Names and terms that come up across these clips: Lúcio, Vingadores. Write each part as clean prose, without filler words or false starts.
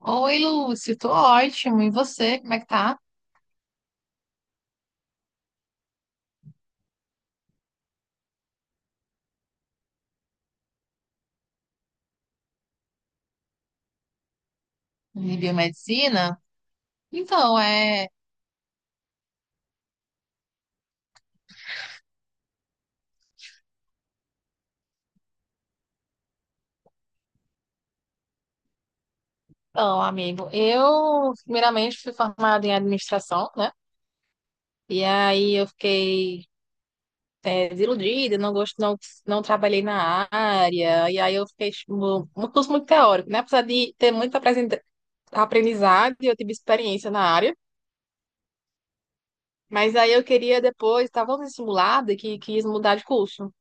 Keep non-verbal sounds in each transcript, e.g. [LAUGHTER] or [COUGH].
Oi, Lúcio, tô ótimo. E você, como é que tá? De biomedicina? Então, é. Então, amigo, eu primeiramente fui formada em administração, né? E aí eu fiquei desiludida, não gosto, não, não trabalhei na área. E aí eu fiquei tipo, um curso muito teórico, né? Apesar de ter muito aprendizado, eu tive experiência na área. Mas aí eu queria depois, estava simulada que quis mudar de curso.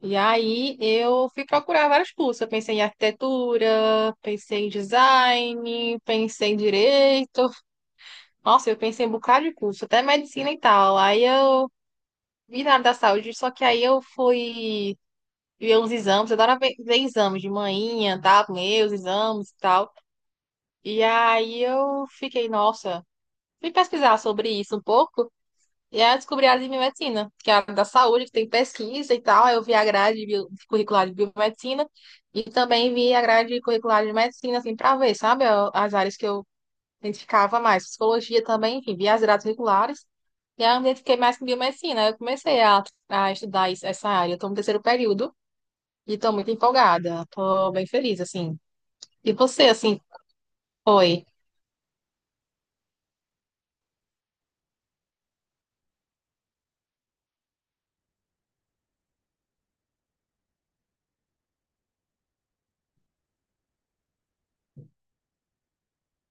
E aí eu fui procurar vários cursos. Eu pensei em arquitetura, pensei em design, pensei em direito. Nossa, eu pensei em um bocado de curso, até medicina e tal. Aí eu vi na área da saúde, só que aí eu fui ver uns exames. Eu adoro ver, ver exames de manhã, tá? Meus exames e tal. E aí eu fiquei, nossa, fui pesquisar sobre isso um pouco. E aí eu descobri a área de biomedicina, que é a área da saúde, que tem pesquisa e tal. Aí eu vi a grade curricular de biomedicina e também vi a grade curricular de medicina, assim, para ver, sabe, as áreas que eu identificava mais. Psicologia também, enfim, vi as grades curriculares. E aí eu me identifiquei mais com biomedicina. Aí eu comecei a estudar essa área. Eu estou no terceiro período e estou muito empolgada. Estou bem feliz, assim. E você, assim, foi?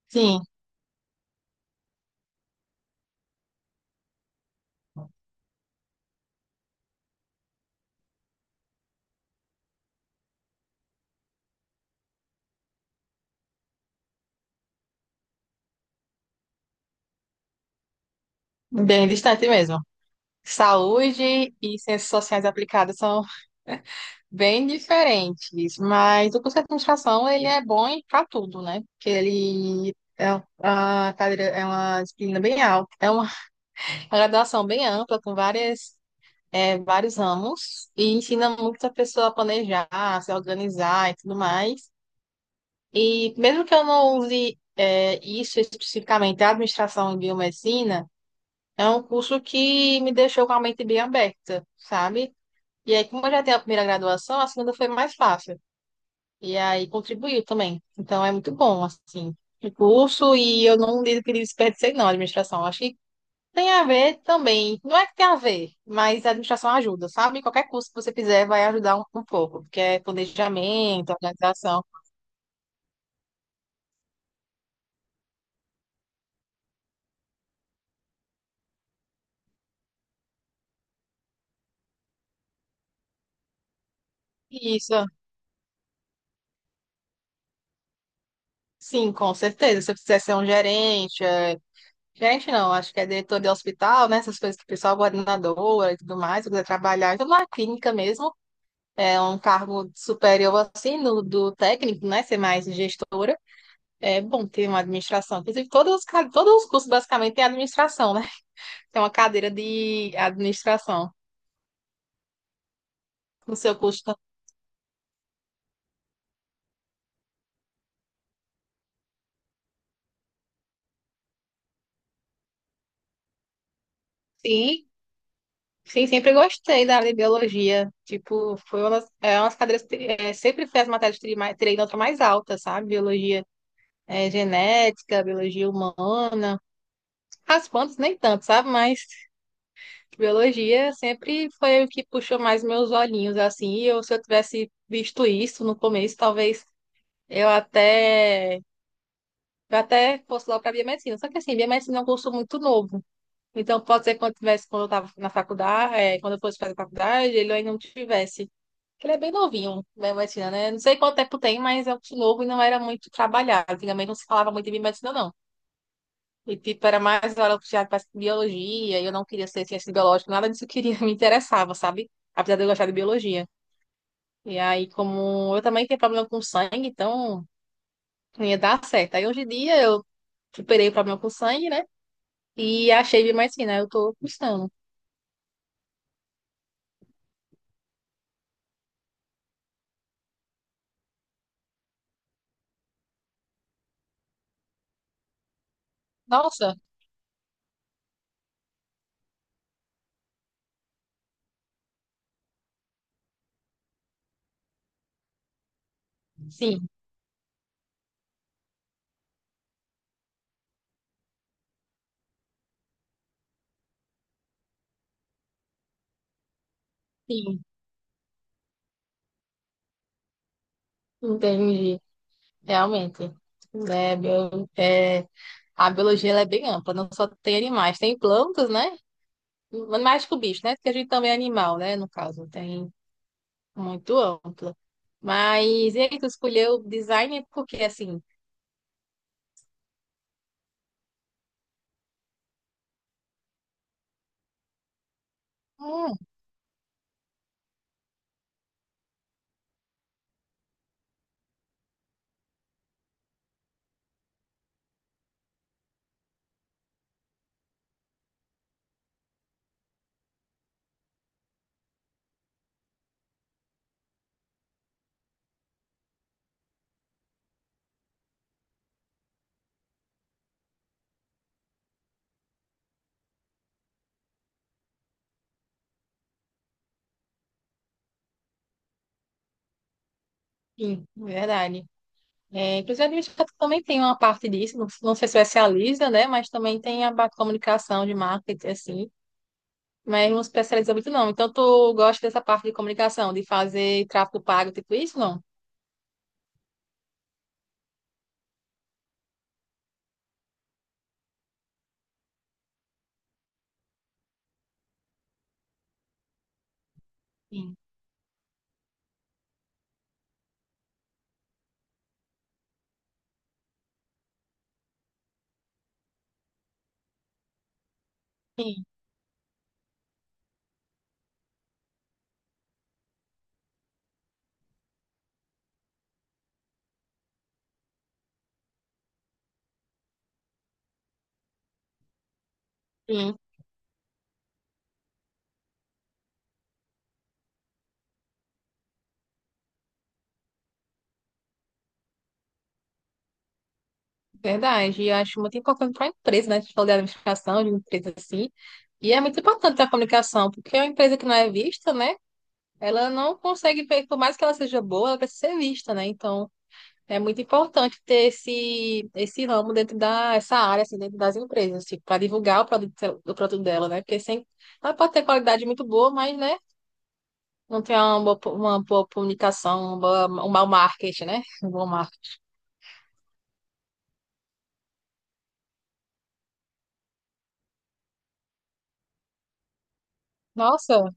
Sim, bem distante mesmo. Saúde e ciências sociais aplicadas são [LAUGHS] bem diferentes, mas o curso de administração ele é bom para tudo, né? Porque ele é uma cadeira, é uma disciplina bem alta, é uma [LAUGHS] uma graduação bem ampla com vários ramos e ensina muito a pessoa a planejar, a se organizar e tudo mais. E mesmo que eu não use isso especificamente, a administração em biomedicina é um curso que me deixou com a mente bem aberta, sabe? E aí, como eu já tenho a primeira graduação, a segunda foi mais fácil. E aí contribuiu também. Então é muito bom, assim, o curso, e eu não digo que desperdicei, não, a administração. Acho que tem a ver também. Não é que tem a ver, mas a administração ajuda, sabe? Qualquer curso que você fizer vai ajudar um pouco, porque é planejamento, organização. Isso, sim, com certeza. Se você quiser ser um gerente, gerente não, acho que é diretor de hospital, né? Essas coisas que o pessoal, coordenadora e tudo mais, se quiser trabalhar, então na clínica mesmo, é um cargo superior assim, no, do técnico, né? Ser mais gestor. É bom ter uma administração. Inclusive, todos os, todos os cursos basicamente têm administração, né? [LAUGHS] Tem uma cadeira de administração no seu curso. Tá? Sim, sim, sempre gostei da área de biologia. Tipo, foi uma das, é, uma das cadeiras que sempre foi as matérias que tirei nota mais alta, sabe? Biologia genética, biologia humana. As plantas nem tanto, sabe? Mas biologia sempre foi o que puxou mais meus olhinhos, assim. E eu, se eu tivesse visto isso no começo, talvez eu até eu até fosse logo para biomedicina. Só que assim, biomedicina é um curso muito novo. Então, pode ser que quando tivesse, quando eu estava na faculdade, quando eu fosse fazer faculdade, ele ainda não tivesse. Porque ele é bem novinho, biomedicina, né? Não sei quanto tempo tem, mas é um curso novo e não era muito trabalhado. Antigamente não se falava muito de biomedicina, não. E, tipo, era mais hora puxada para biologia, e eu não queria ser ciência biológica, nada disso eu queria, [LAUGHS] me interessava, sabe? Apesar de eu gostar de biologia. E aí, como eu também tenho problema com sangue, então não ia dar certo. Aí, hoje em dia, eu superei o problema com sangue, né? E a Shave mais fina, eu tô custando. Nossa, sim, sim, entendi. Realmente. É, bio- é, a biologia ela é bem ampla, não só tem animais, tem plantas, né? Mais que o bicho, né? Porque a gente também é animal, né? No caso, tem muito ampla. Mas e aí, tu escolheu design porque, assim, hum, sim, verdade. É, inclusive, a administração também tem uma parte disso, não, não se especializa, né? Mas também tem a parte de comunicação de marketing, assim. Mas não se especializa muito, não. Então, tu gosta dessa parte de comunicação, de fazer tráfego pago, tipo isso, não? Sim. Sim, sim. Verdade. E eu acho muito importante para a empresa, né? A gente falou de administração, de empresa assim. E é muito importante a comunicação, porque uma empresa que não é vista, né? Ela não consegue ver, por mais que ela seja boa, ela precisa ser vista, né? Então, é muito importante ter esse, esse ramo dentro da, essa área, assim, dentro das empresas, tipo, para divulgar o produto dela, né? Porque sem, ela pode ter qualidade muito boa, mas, né? Não tem uma boa, uma boa comunicação, um mau marketing, né? [LAUGHS] Um bom marketing. Nossa,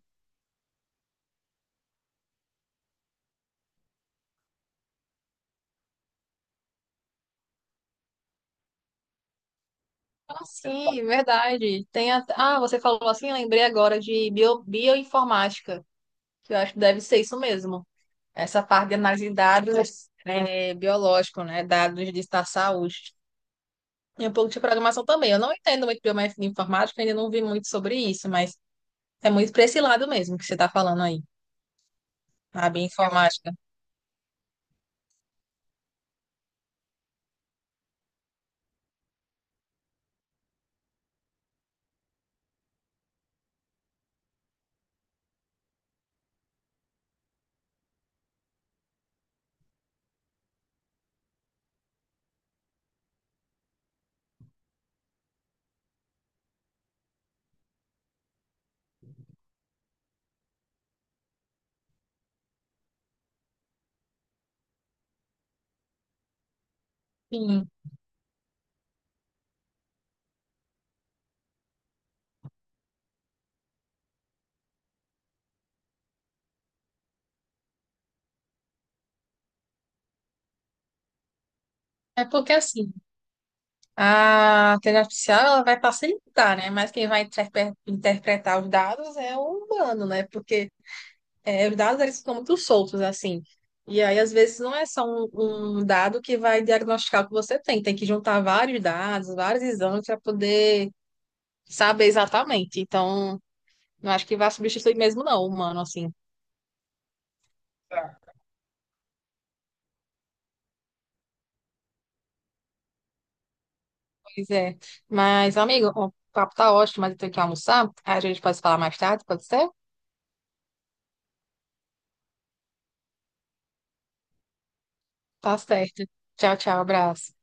ah, sim, verdade. Ah, você falou assim, lembrei agora de bioinformática, que eu acho que deve ser isso mesmo. Essa parte de análise de dados biológico, né? Dados de da saúde. E um pouco de programação também. Eu não entendo muito de bioinformática, ainda não vi muito sobre isso, mas é muito para esse lado mesmo que você está falando aí, a bioinformática. Sim. É porque assim. A inteligência artificial ela vai facilitar, né? Mas quem vai interpretar os dados é o humano, né? Porque é, os dados eles ficam muito soltos, assim. E aí, às vezes, não é só um, um dado que vai diagnosticar o que você tem. Tem que juntar vários dados, vários exames para poder saber exatamente. Então, não acho que vai substituir mesmo, não, o humano, assim. Tá. Pois é. Mas, amigo, o papo tá ótimo, mas eu tenho que almoçar. Aí a gente pode falar mais tarde, pode ser? Tá certo. Tchau, tchau, abraço.